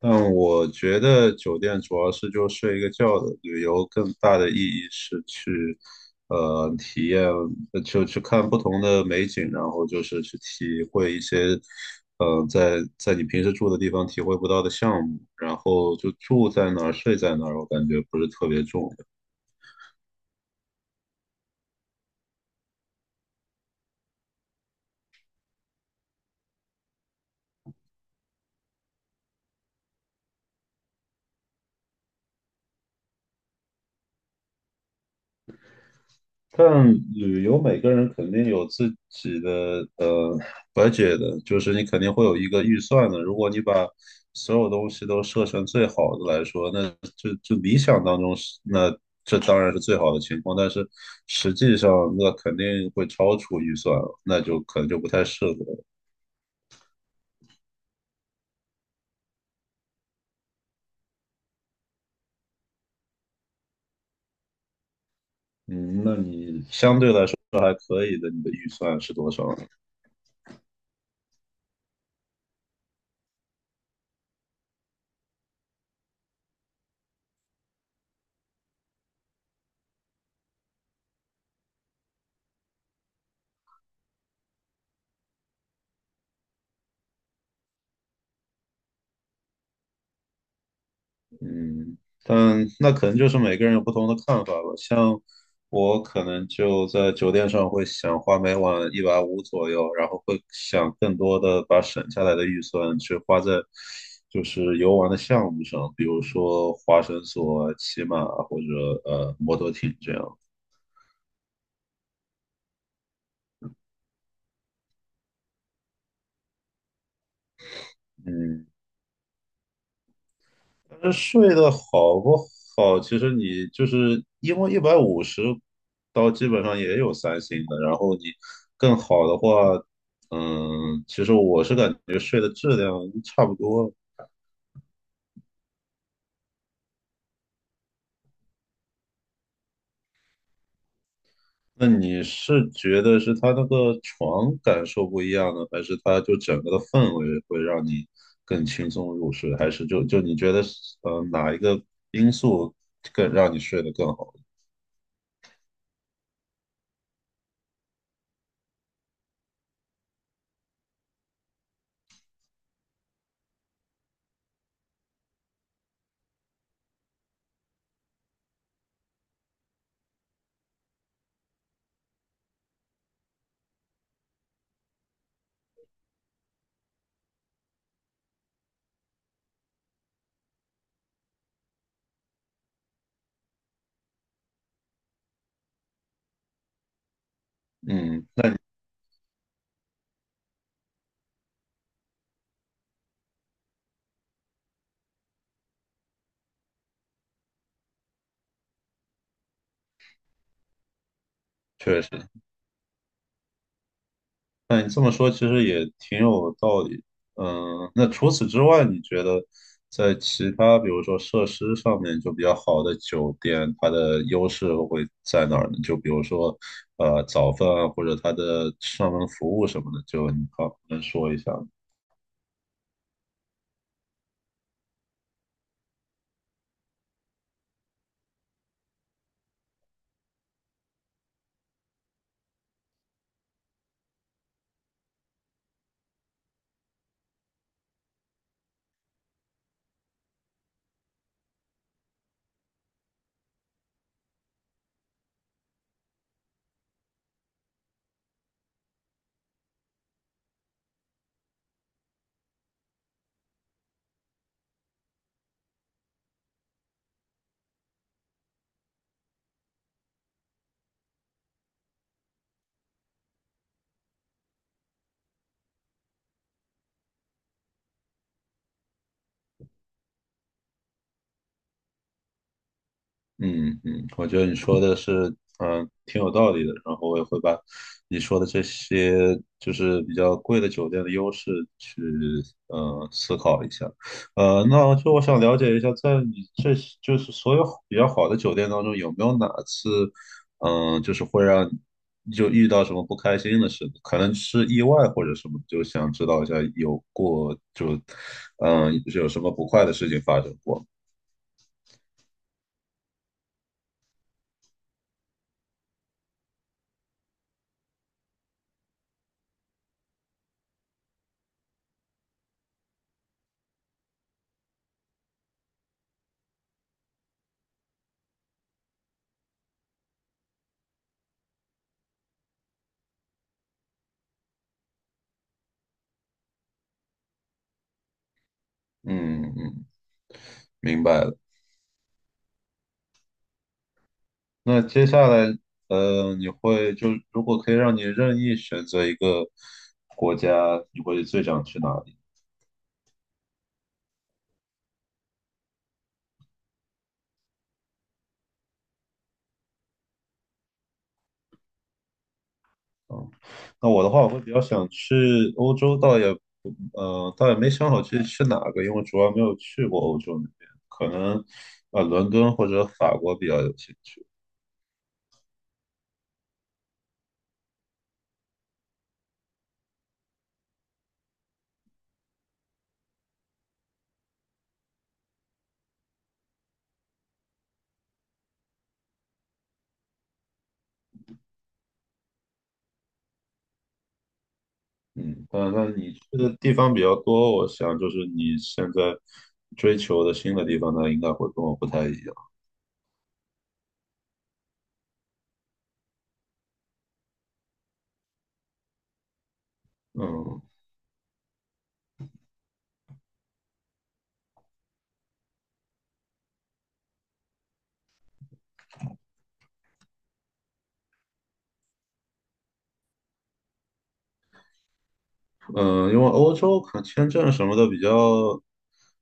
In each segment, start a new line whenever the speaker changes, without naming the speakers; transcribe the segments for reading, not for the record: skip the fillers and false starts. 但我觉得酒店主要是就睡一个觉的，旅游更大的意义是去，体验，就去看不同的美景，然后就是去体会一些，在你平时住的地方体会不到的项目，然后就住在哪儿，睡在哪儿，我感觉不是特别重。但旅游每个人肯定有自己的budget 的，就是你肯定会有一个预算的。如果你把所有东西都设成最好的来说，那就理想当中是那，这当然是最好的情况，但是实际上那肯定会超出预算了，那就可能就不太适合了。嗯，那你相对来说还可以的，你的预算是多少？嗯，但那可能就是每个人有不同的看法吧。像我可能就在酒店上会想花每晚一百五左右，然后会想更多的把省下来的预算去花在就是游玩的项目上，比如说滑绳索、骑马或者摩托艇这样。嗯，这睡得好不好，其实你就是因为150刀基本上也有三星的，然后你更好的话，嗯，其实我是感觉睡的质量差不多。那你是觉得是它那个床感受不一样呢，还是它就整个的氛围会让你更轻松入睡，还是就你觉得哪一个因素更让你睡得更好？嗯，那你确实。那你这么说其实也挺有道理。嗯，那除此之外，你觉得在其他比如说设施上面就比较好的酒店，它的优势会在哪儿呢？就比如说早饭啊，或者它的上门服务什么的，就你好能说一下吗？嗯嗯，我觉得你说的是，挺有道理的。然后我也会把你说的这些，就是比较贵的酒店的优势去，思考一下。那就我想了解一下，在你这就是所有比较好的酒店当中，有没有哪次，就是会让你就遇到什么不开心的事，可能是意外或者什么，就想知道一下有过就，有什么不快的事情发生过？嗯嗯，明白了。那接下来，你会就如果可以让你任意选择一个国家，你会最想去哪里？嗯，那我的话，我会比较想去欧洲，倒也没想好去哪个，因为主要没有去过欧洲那边，可能伦敦或者法国比较有兴趣。嗯，但那你去的地方比较多，我想就是你现在追求的新的地方，那应该会跟我不太一样。嗯，嗯，因为欧洲可能签证什么的比较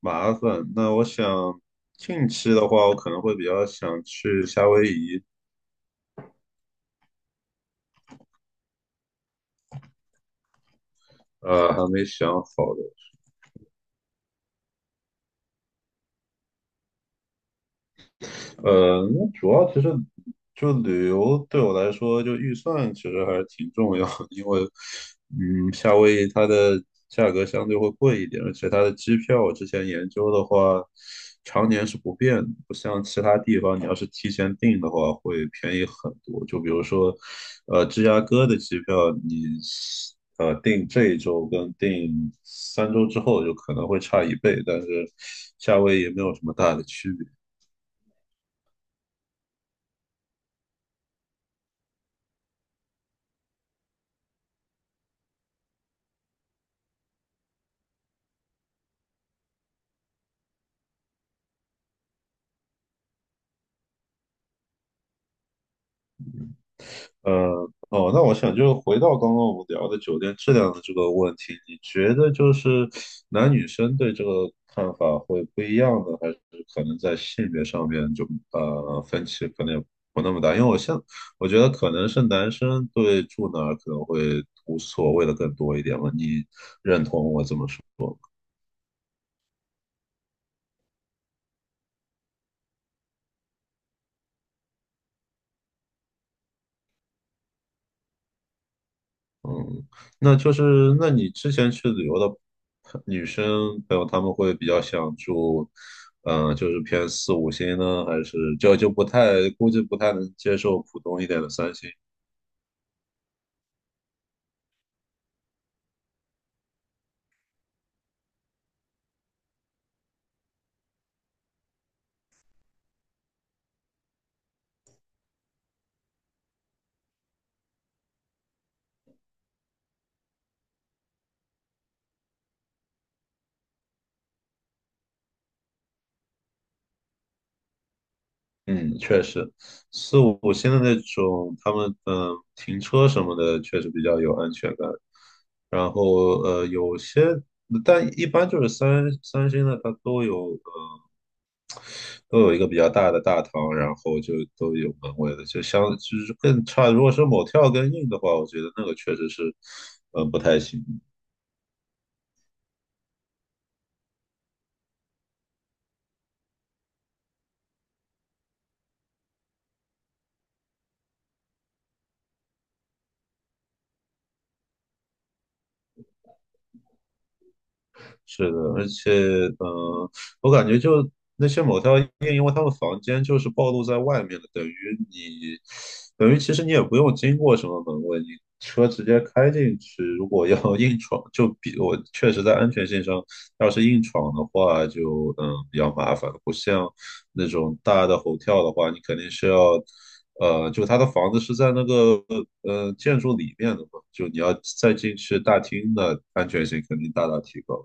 麻烦，那我想近期的话，我可能会比较想去夏威夷，还没想好的。那主要其实就旅游对我来说，就预算其实还是挺重要的，因为夏威夷它的价格相对会贵一点，而且它的机票我之前研究的话，常年是不变的，不像其他地方，你要是提前订的话会便宜很多。就比如说，芝加哥的机票你订这一周跟订3周之后就可能会差一倍，但是夏威夷没有什么大的区别。呃，哦，那我想就是回到刚刚我们聊的酒店质量的这个问题，你觉得就是男女生对这个看法会不一样呢，还是可能在性别上面就分歧可能也不那么大？因为我觉得可能是男生对住哪儿可能会无所谓的更多一点吧，你认同我这么说？嗯，那就是那你之前去旅游的女生朋友，她们会比较想住，就是偏四五星呢，还是就不太估计不太能接受普通一点的三星？嗯，确实，四五星的那种，他们停车什么的确实比较有安全感。然后但一般就是三星的，它都有。都有一个比较大的大堂，然后就都有门卫的，就是更差。如果是某跳更硬的话，我觉得那个确实是，嗯，不太行。是的，而且，嗯、我感觉就那些某条 t 夜，因为他们房间就是暴露在外面的，你，等于其实你也不用经过什么门卫，你车直接开进去。如果要 硬闯，我确实在安全性上，要是硬闯的话就，比较麻烦，不像那种大的 h 跳的话，你肯定是要。就他的房子是在那个建筑里面的嘛，就你要再进去大厅的安全性肯定大大提高。